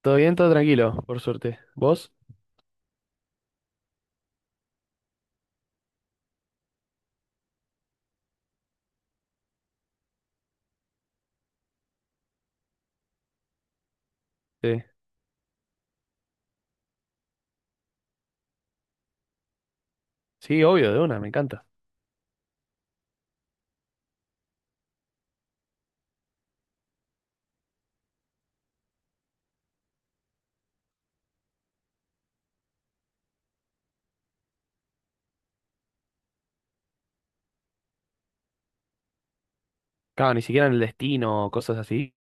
Todo bien, todo tranquilo, por suerte. ¿Vos? Sí, sí, obvio, de una, me encanta. Claro, ni siquiera en el destino, cosas así.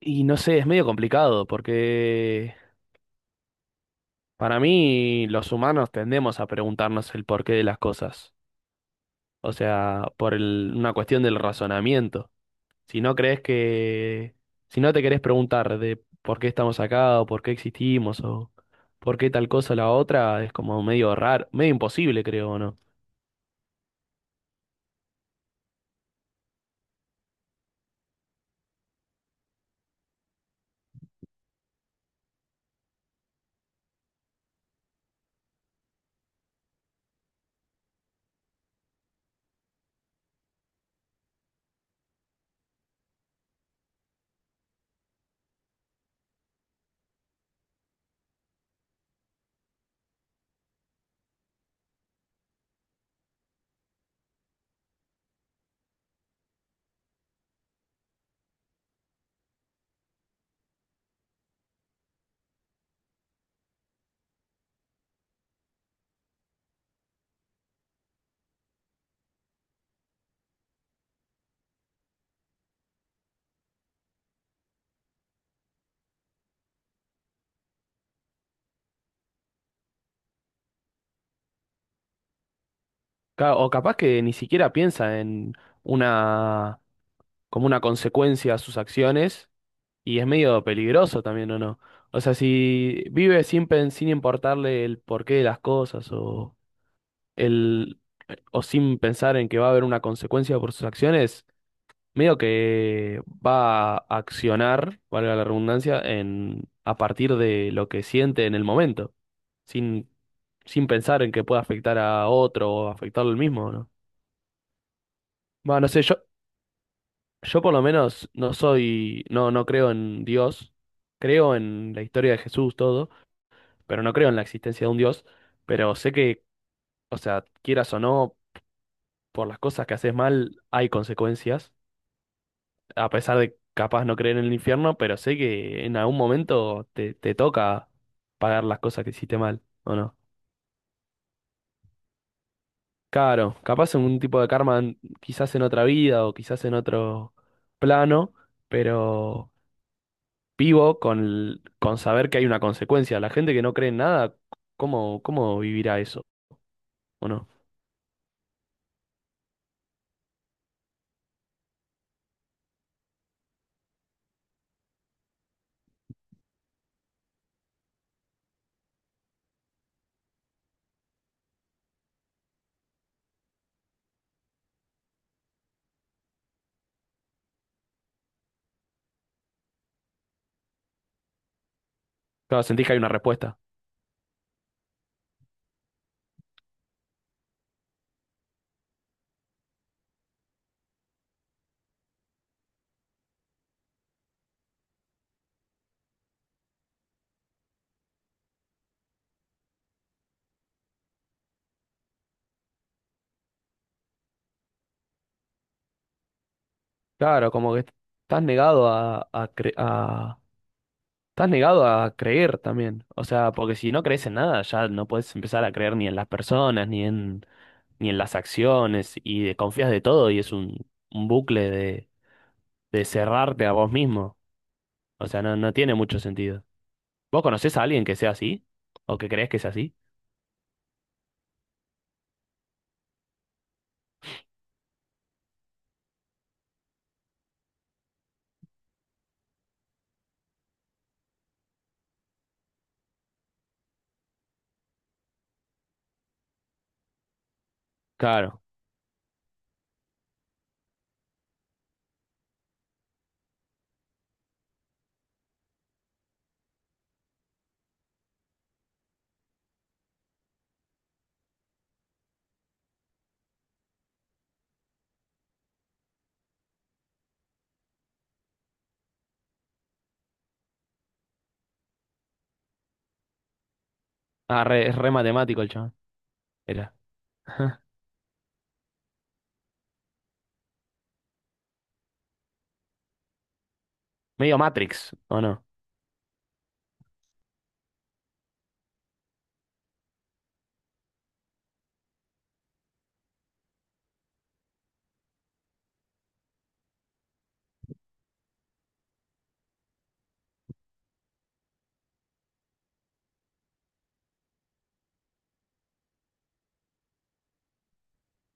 Y no sé, es medio complicado porque para mí los humanos tendemos a preguntarnos el porqué de las cosas. O sea, una cuestión del razonamiento. Si no crees que, si no te querés preguntar de por qué estamos acá o por qué existimos o por qué tal cosa o la otra, es como medio raro, medio imposible, creo, ¿no? Claro, o capaz que ni siquiera piensa en una como una consecuencia a sus acciones, y es medio peligroso también, ¿o no? O sea, si vive sin importarle el porqué de las cosas o el o sin pensar en que va a haber una consecuencia por sus acciones, medio que va a accionar, valga la redundancia, en a partir de lo que siente en el momento, sin sin pensar en que pueda afectar a otro o afectarlo al mismo, ¿o ¿no? Bueno, no sé, yo por lo menos no creo en Dios, creo en la historia de Jesús, todo, pero no creo en la existencia de un Dios, pero sé que, o sea, quieras o no, por las cosas que haces mal hay consecuencias, a pesar de capaz no creer en el infierno, pero sé que en algún momento te toca pagar las cosas que hiciste mal, ¿o no? Claro, capaz en un tipo de karma, quizás en otra vida o quizás en otro plano, pero vivo con saber que hay una consecuencia. La gente que no cree en nada, ¿cómo vivirá eso? ¿O no? Claro, sentís que hay una respuesta. Claro, como que estás negado a, cre- a- estás negado a creer también. O sea, porque si no crees en nada, ya no puedes empezar a creer ni en las personas, ni en las acciones y confías de todo y es un bucle de cerrarte a vos mismo. O sea, no, no tiene mucho sentido. ¿Vos conocés a alguien que sea así? ¿O que creés que sea así? Claro. Es re matemático el chabón. Era. Medio Matrix, ¿o no?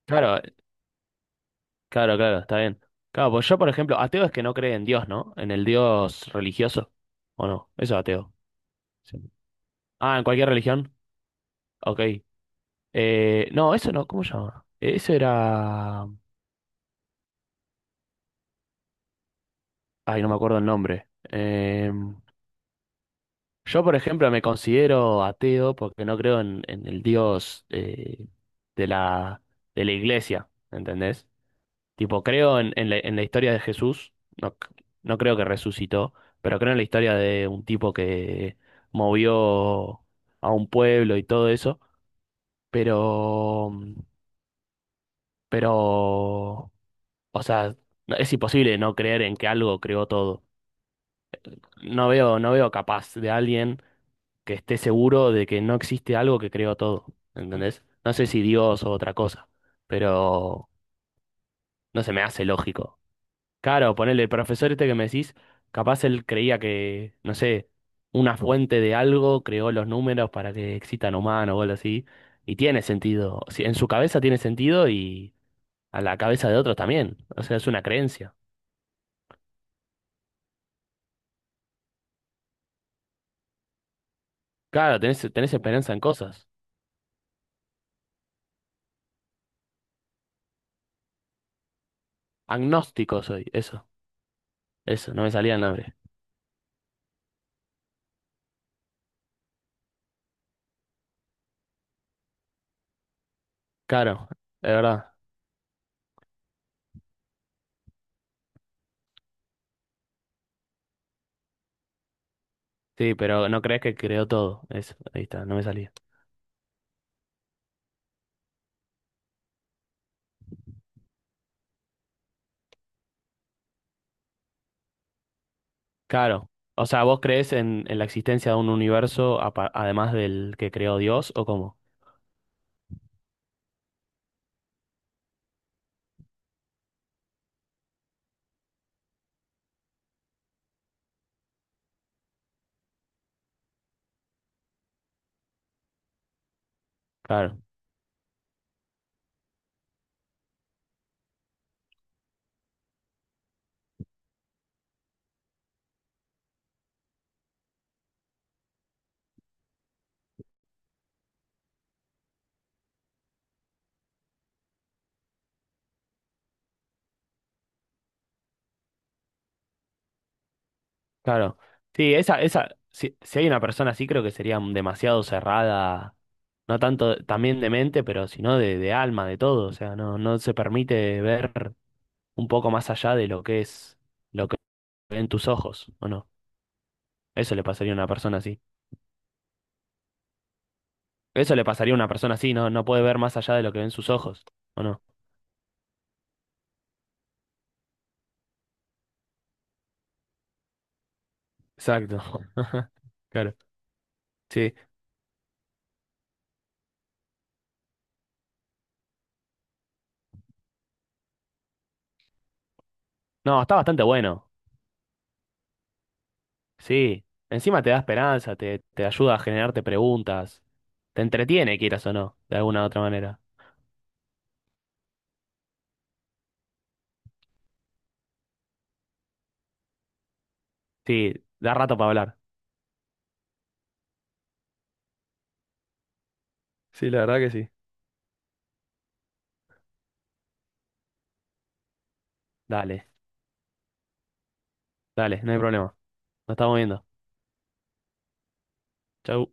Claro, claro, claro, está bien. Claro, pues yo, por ejemplo, ateo es que no cree en Dios, ¿no? En el Dios religioso. ¿O no? Eso es ateo. Sí. Ah, en cualquier religión. Ok. No, eso no, ¿cómo se llama? Eso era. Ay, no me acuerdo el nombre. Yo, por ejemplo, me considero ateo porque no creo en el Dios de la, de la iglesia, ¿entendés? Tipo, creo en la historia de Jesús, no, no creo que resucitó, pero creo en la historia de un tipo que movió a un pueblo y todo eso, pero, pero, o sea, es imposible no creer en que algo creó todo. No veo, no veo capaz de alguien que esté seguro de que no existe algo que creó todo, ¿entendés? No sé si Dios o otra cosa, pero no se me hace lógico. Claro, ponele, el profesor este que me decís, capaz él creía que, no sé, una fuente de algo creó los números para que existan humanos o algo así, y tiene sentido. O sea, en su cabeza tiene sentido y a la cabeza de otros también, o sea, es una creencia. Claro, tenés, tenés esperanza en cosas. Agnóstico soy, eso, no me salía el nombre. Claro, es verdad. Sí, pero no crees que creó todo. Eso, ahí está, no me salía. Claro. O sea, ¿vos crees en la existencia de un universo además del que creó Dios o cómo? Claro, claro. Sí, esa, si, si hay una persona así, creo que sería demasiado cerrada, no tanto también de mente, pero sino de alma, de todo. O sea, no, no se permite ver un poco más allá de lo que es, lo que ven tus ojos, ¿o no? Eso le pasaría a una persona así. Eso le pasaría a una persona así, no, no puede ver más allá de lo que ven sus ojos, ¿o no? Exacto. Claro. Sí. No, está bastante bueno. Sí. Encima te da esperanza, te ayuda a generarte preguntas. Te entretiene, quieras o no, de alguna u otra manera. Sí, da rato para hablar. Sí, la verdad que sí. Dale, Dale, no hay problema. Nos estamos viendo. Chau.